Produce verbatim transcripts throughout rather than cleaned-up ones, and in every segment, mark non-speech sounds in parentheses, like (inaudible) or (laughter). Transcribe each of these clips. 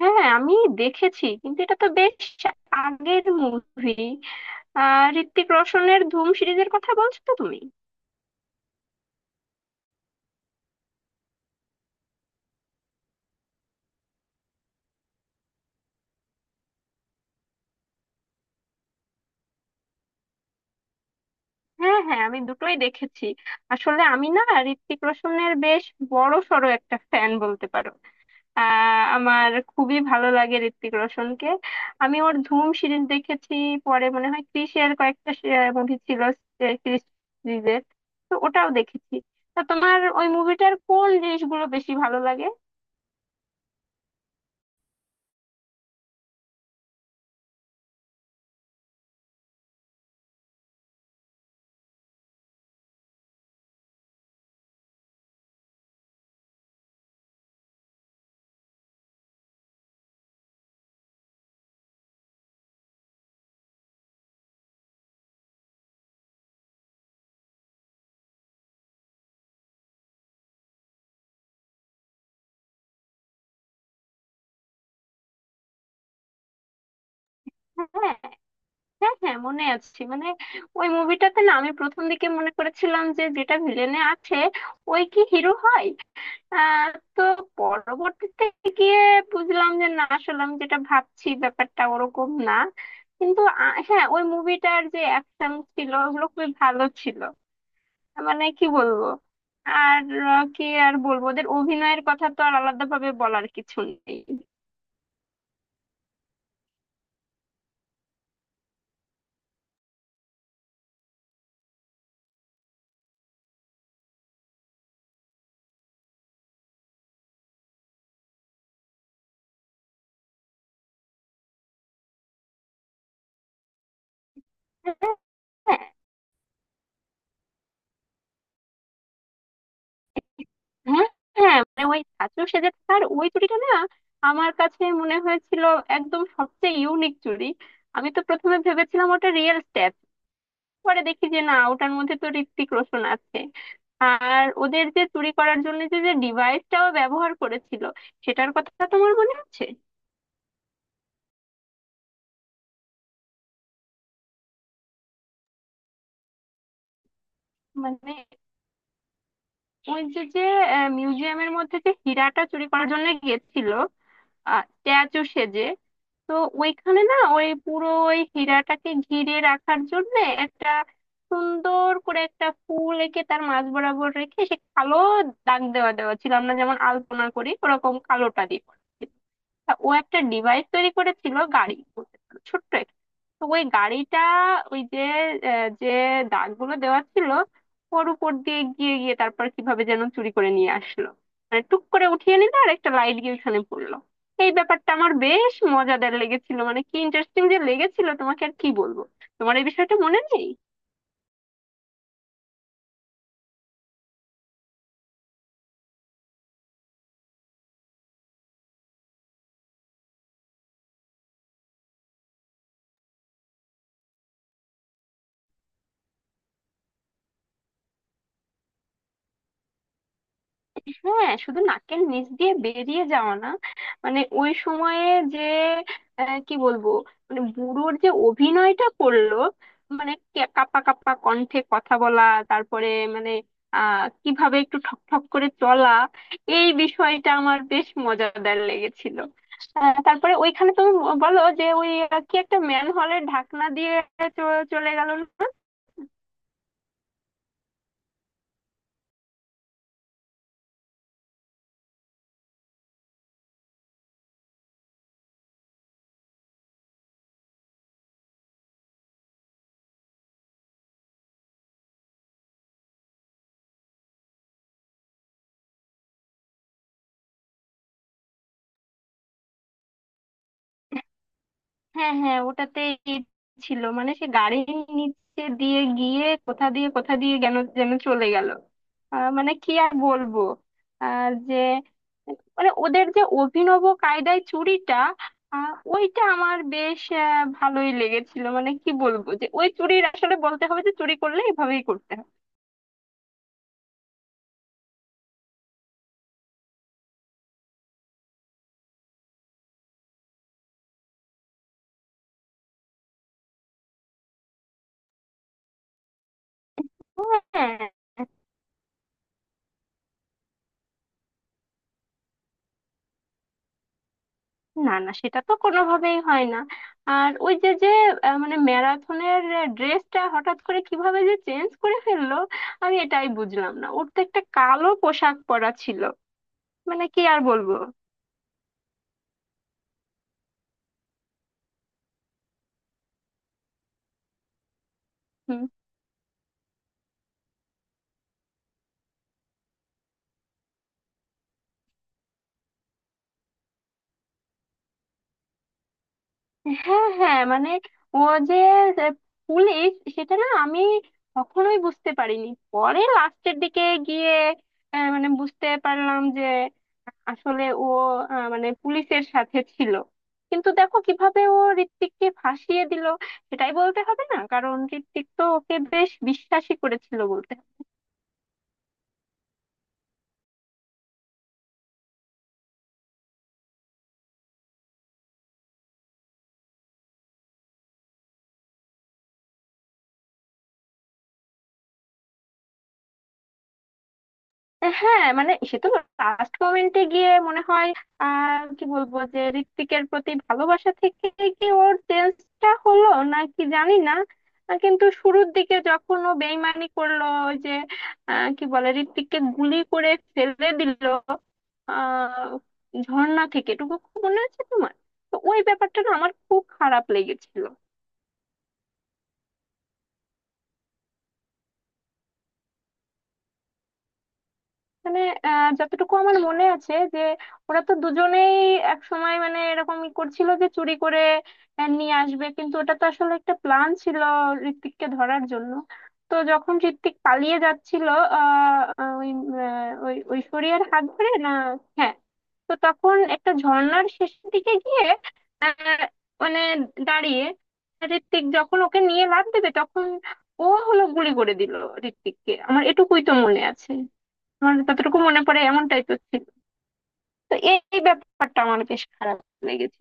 হ্যাঁ, আমি দেখেছি, কিন্তু এটা তো বেশ আগের মুভি। আহ ঋত্বিক রোশনের ধুম সিরিজের কথা বলছো তো তুমি? হ্যাঁ হ্যাঁ, আমি দুটোই দেখেছি। আসলে আমি না, ঋত্বিক রোশনের বেশ বড় সড়ো একটা ফ্যান বলতে পারো। আহ আমার খুবই ভালো লাগে ঋত্বিক রোশনকে। আমি ওর ধুম সিরিজ দেখেছি, পরে মনে হয় ক্রিসের কয়েকটা মুভি ছিল, আহ, ক্রিস সিরিজের, তো ওটাও দেখেছি। তা তোমার ওই মুভিটার কোন জিনিসগুলো বেশি ভালো লাগে? হ্যাঁ হ্যাঁ হ্যাঁ, মনে আছে। মানে ওই মুভিটাতে না, আমি প্রথম দিকে মনে করেছিলাম যে যেটা ভিলেনে আছে ওই কি হিরো হয়। আহ তো পরবর্তীতে গিয়ে বুঝলাম যে না, আসলে আমি যেটা ভাবছি ব্যাপারটা ওরকম না। কিন্তু আ- হ্যাঁ, ওই মুভিটার যে অ্যাকশন ছিল ওগুলো খুবই ভালো ছিল, মানে কি বলবো। আর আহ, কি আর বলবো, ওদের অভিনয়ের কথা তো আর আলাদাভাবে বলার কিছু নেই। হ্যাঁ, হ্যাঁ। হ্যাঁ হ্যাঁ, মানে ওই ধাঁচও সেজে থাকার ওই চুড়িটা না, আমার কাছে মনে হয়েছিল একদম সবচেয়ে ইউনিক চুড়ি। আমি তো প্রথমে ভেবেছিলাম ওটা রিয়েল স্ট্যাপ, পরে দেখি যে না, ওটার মধ্যে তো ঋত্বিক রোশন আছে। আর ওদের যে চুরি করার জন্য যে যে ডিভাইসটাও ব্যবহার করেছিল, সেটার কথা তোমার মনে আছে? মানে ওই যে যে মিউজিয়ামের মধ্যে যে হীরাটা চুরি করার জন্য গেছিল স্ট্যাচু সেজে, তো ওইখানে না, ওই পুরো ওই হীরাটাকে ঘিরে রাখার জন্য একটা সুন্দর করে একটা ফুল এঁকে তার মাঝ বরাবর রেখে সে কালো দাগ দেওয়া দেওয়া ছিল, আমরা যেমন আলপনা করি ওরকম কালোটা দিয়ে করা ছিল। তা ও একটা ডিভাইস তৈরি করেছিল, গাড়ি বলতে পারো, ছোট্ট। তো ওই গাড়িটা ওই যে আহ, যে দাগগুলো দেওয়া ছিল ওর উপর দিয়ে গিয়ে গিয়ে তারপর কিভাবে যেন চুরি করে নিয়ে আসলো, মানে টুক করে উঠিয়ে নিল, আর একটা লাইট গিয়ে ওখানে পড়লো। এই ব্যাপারটা আমার বেশ মজাদার লেগেছিল, মানে কি ইন্টারেস্টিং যে লেগেছিল তোমাকে আর কি বলবো। তোমার এই বিষয়টা মনে নেই? হ্যাঁ, শুধু নাকের নিচ দিয়ে বেরিয়ে যাওয়া না, মানে ওই সময়ে যে আহ, কি বলবো মানে বুড়োর যে অভিনয়টা করলো, মানে কে- কাঁপা কাঁপা কণ্ঠে কথা বলা, তারপরে মানে আহ কিভাবে একটু ঠক ঠক করে চলা, এই বিষয়টা আমার বেশ মজাদার লেগেছিল। আহ, তারপরে ওইখানে তুমি বলো যে ওই আহ, কি একটা ম্যান হলের ঢাকনা দিয়ে চ- চলে গেল না। হ্যাঁ হ্যাঁ, ওটাতে ছিল। মানে সে গাড়ির নিচে দিয়ে গিয়ে কোথা দিয়ে কোথা দিয়ে যেন যেন চলে গেল, আহ, মানে কি আর বলবো। আর যে মানে ওদের যে অভিনব কায়দায় চুরিটা, আহ, ওইটা আমার বেশ আহ, ভালোই লেগেছিল, মানে কি বলবো, যে ওই চুরির আসলে বলতে হবে যে চুরি করলে এভাবেই করতে হবে। হ্যাঁ। না না, সেটা তো কোনোভাবেই হয় না। আর ওই যে যে আহ, মানে ম্যারাথনের ড্রেসটা হঠাৎ করে কিভাবে যে চেঞ্জ করে ফেললো, আমি এটাই বুঝলাম না, ওর তো একটা কালো পোশাক পরা ছিল, মানে কি আর বলবো। হ্যাঁ হ্যাঁ, মানে ও যে যে পুলিশ, সেটা না আমি কখনোই বুঝতে পারিনি, পরে লাস্টের দিকে গিয়ে আহ, মানে বুঝতে পারলাম যে আসলে ও আহ, মানে পুলিশের সাথে ছিল। কিন্তু দেখো কিভাবে ও ঋত্বিককে ফাঁসিয়ে দিল, সেটাই বলতে হবে না, কারণ ঋত্বিক তো ওকে বেশ বিশ্বাসী করেছিল বলতে হবে। হ্যাঁ, মানে সে তো লাস্ট মোমেন্টে গিয়ে মনে হয়, আহ কি বলবো, যে ঋত্বিকের প্রতি ভালোবাসা থেকে কি ওর চেঞ্জটা হলো নাকি জানি না। আহ, কিন্তু শুরুর দিকে যখন ও বেইমানি করলো, ওই যে আহ, কি বলে ঋত্বিককে গুলি করে ফেলে দিল আহ ঝর্ণা থেকে, এটুকু খুব মনে আছে তোমার? তো ওই ব্যাপারটা না আমার খুব খারাপ লেগেছিল। মানে আহ, যতটুকু আমার মনে আছে যে ওরা তো দুজনেই এক সময় মানে এরকম ই করছিল যে চুরি করে আহ, নিয়ে আসবে, কিন্তু ওটা তো আসলে একটা প্ল্যান ছিল ঋত্বিককে ধরার জন্য। তো যখন ঋত্বিক পালিয়ে যাচ্ছিল আহ আহ, ওই আহ, ওই ঐশ্বরিয়ার হাত ধরে না। হ্যাঁ। তো তখন একটা ঝর্ণার শেষের দিকে গিয়ে আহ, মানে দাঁড়িয়ে ঋত্বিক যখন ওকে নিয়ে লাফ দেবে, তখন ও হলো গুলি করে দিল ঋত্বিককে। আমার এটুকুই তো মনে আছে, আমার যতটুকু মনে পড়ে এমনটাই তো ছিল। তো এই এই ব্যাপারটা আমার বেশ খারাপ লেগেছে।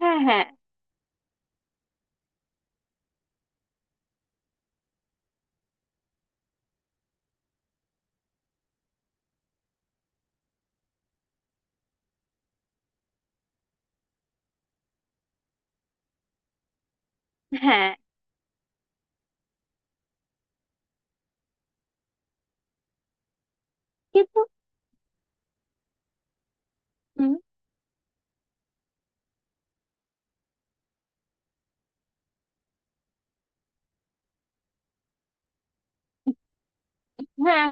হ্যাঁ হ্যাঁ হ্যাঁ। কিন্তু হুম, হ্যাঁ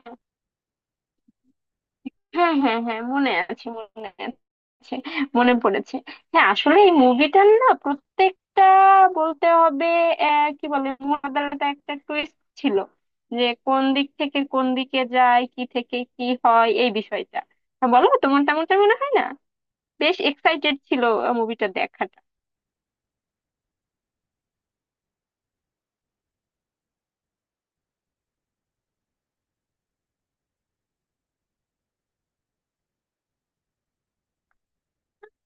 হ্যাঁ হ্যাঁ হ্যাঁ, মনে আছে মনে আছে, মনে পড়েছে। হ্যাঁ, আসলে এই মুভিটার না প্রত্যেকটা বলতে হবে, আহ, কি বলে মোনাজারটা একটা টুইস্ট ছিল, যে কোন দিক থেকে কোন দিকে যায়, কি থেকে কি হয়, এই বিষয়টা। হ্যাঁ, বলো তোমার তেমনটা মনে হয় না? বেশ এক্সাইটেড ছিল মুভিটা দেখার।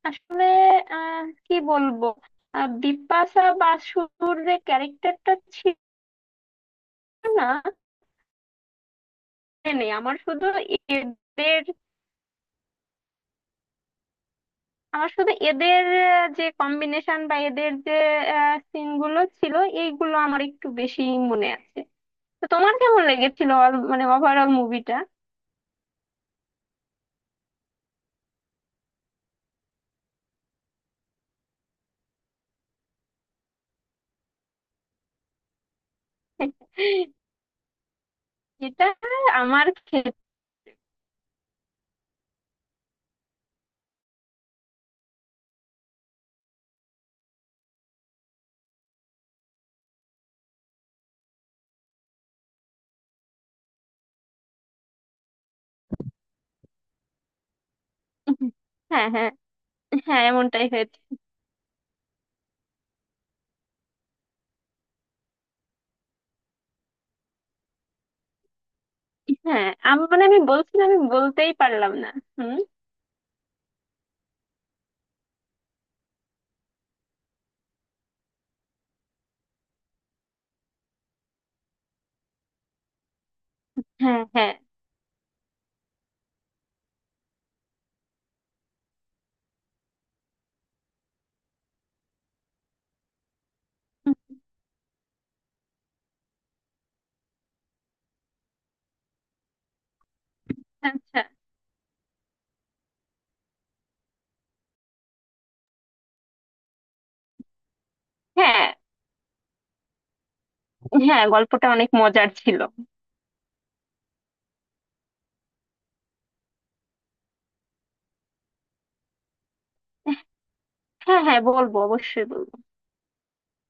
আসলে আহ কি বলবো আহ, বিপাশা বাসুর যে ক্যারেক্টারটা ছিল, না মানে আমার শুধু এদের, আমার শুধু এদের আহ, যে কম্বিনেশন বা এদের যে সিনগুলো ছিল এইগুলো আমার একটু বেশি মনে আছে। তো তোমার কেমন লেগেছিল all- মানে ওভারঅল মুভিটা? (laughs) এটা আমার ক্ষেত্রে। হ্যাঁ হ্যাঁ হ্যাঁ, এমনটাই হয়েছে। হ্যাঁ, আমি মানে আমি বলছিলাম, আমি বলতেই পারলাম না। হুম। হ্যাঁ হ্যাঁ। আচ্ছা। হ্যাঁ হ্যাঁ, গল্পটা অনেক মজার ছিল। হ্যাঁ হ্যাঁ, বলবো, অবশ্যই বলবো।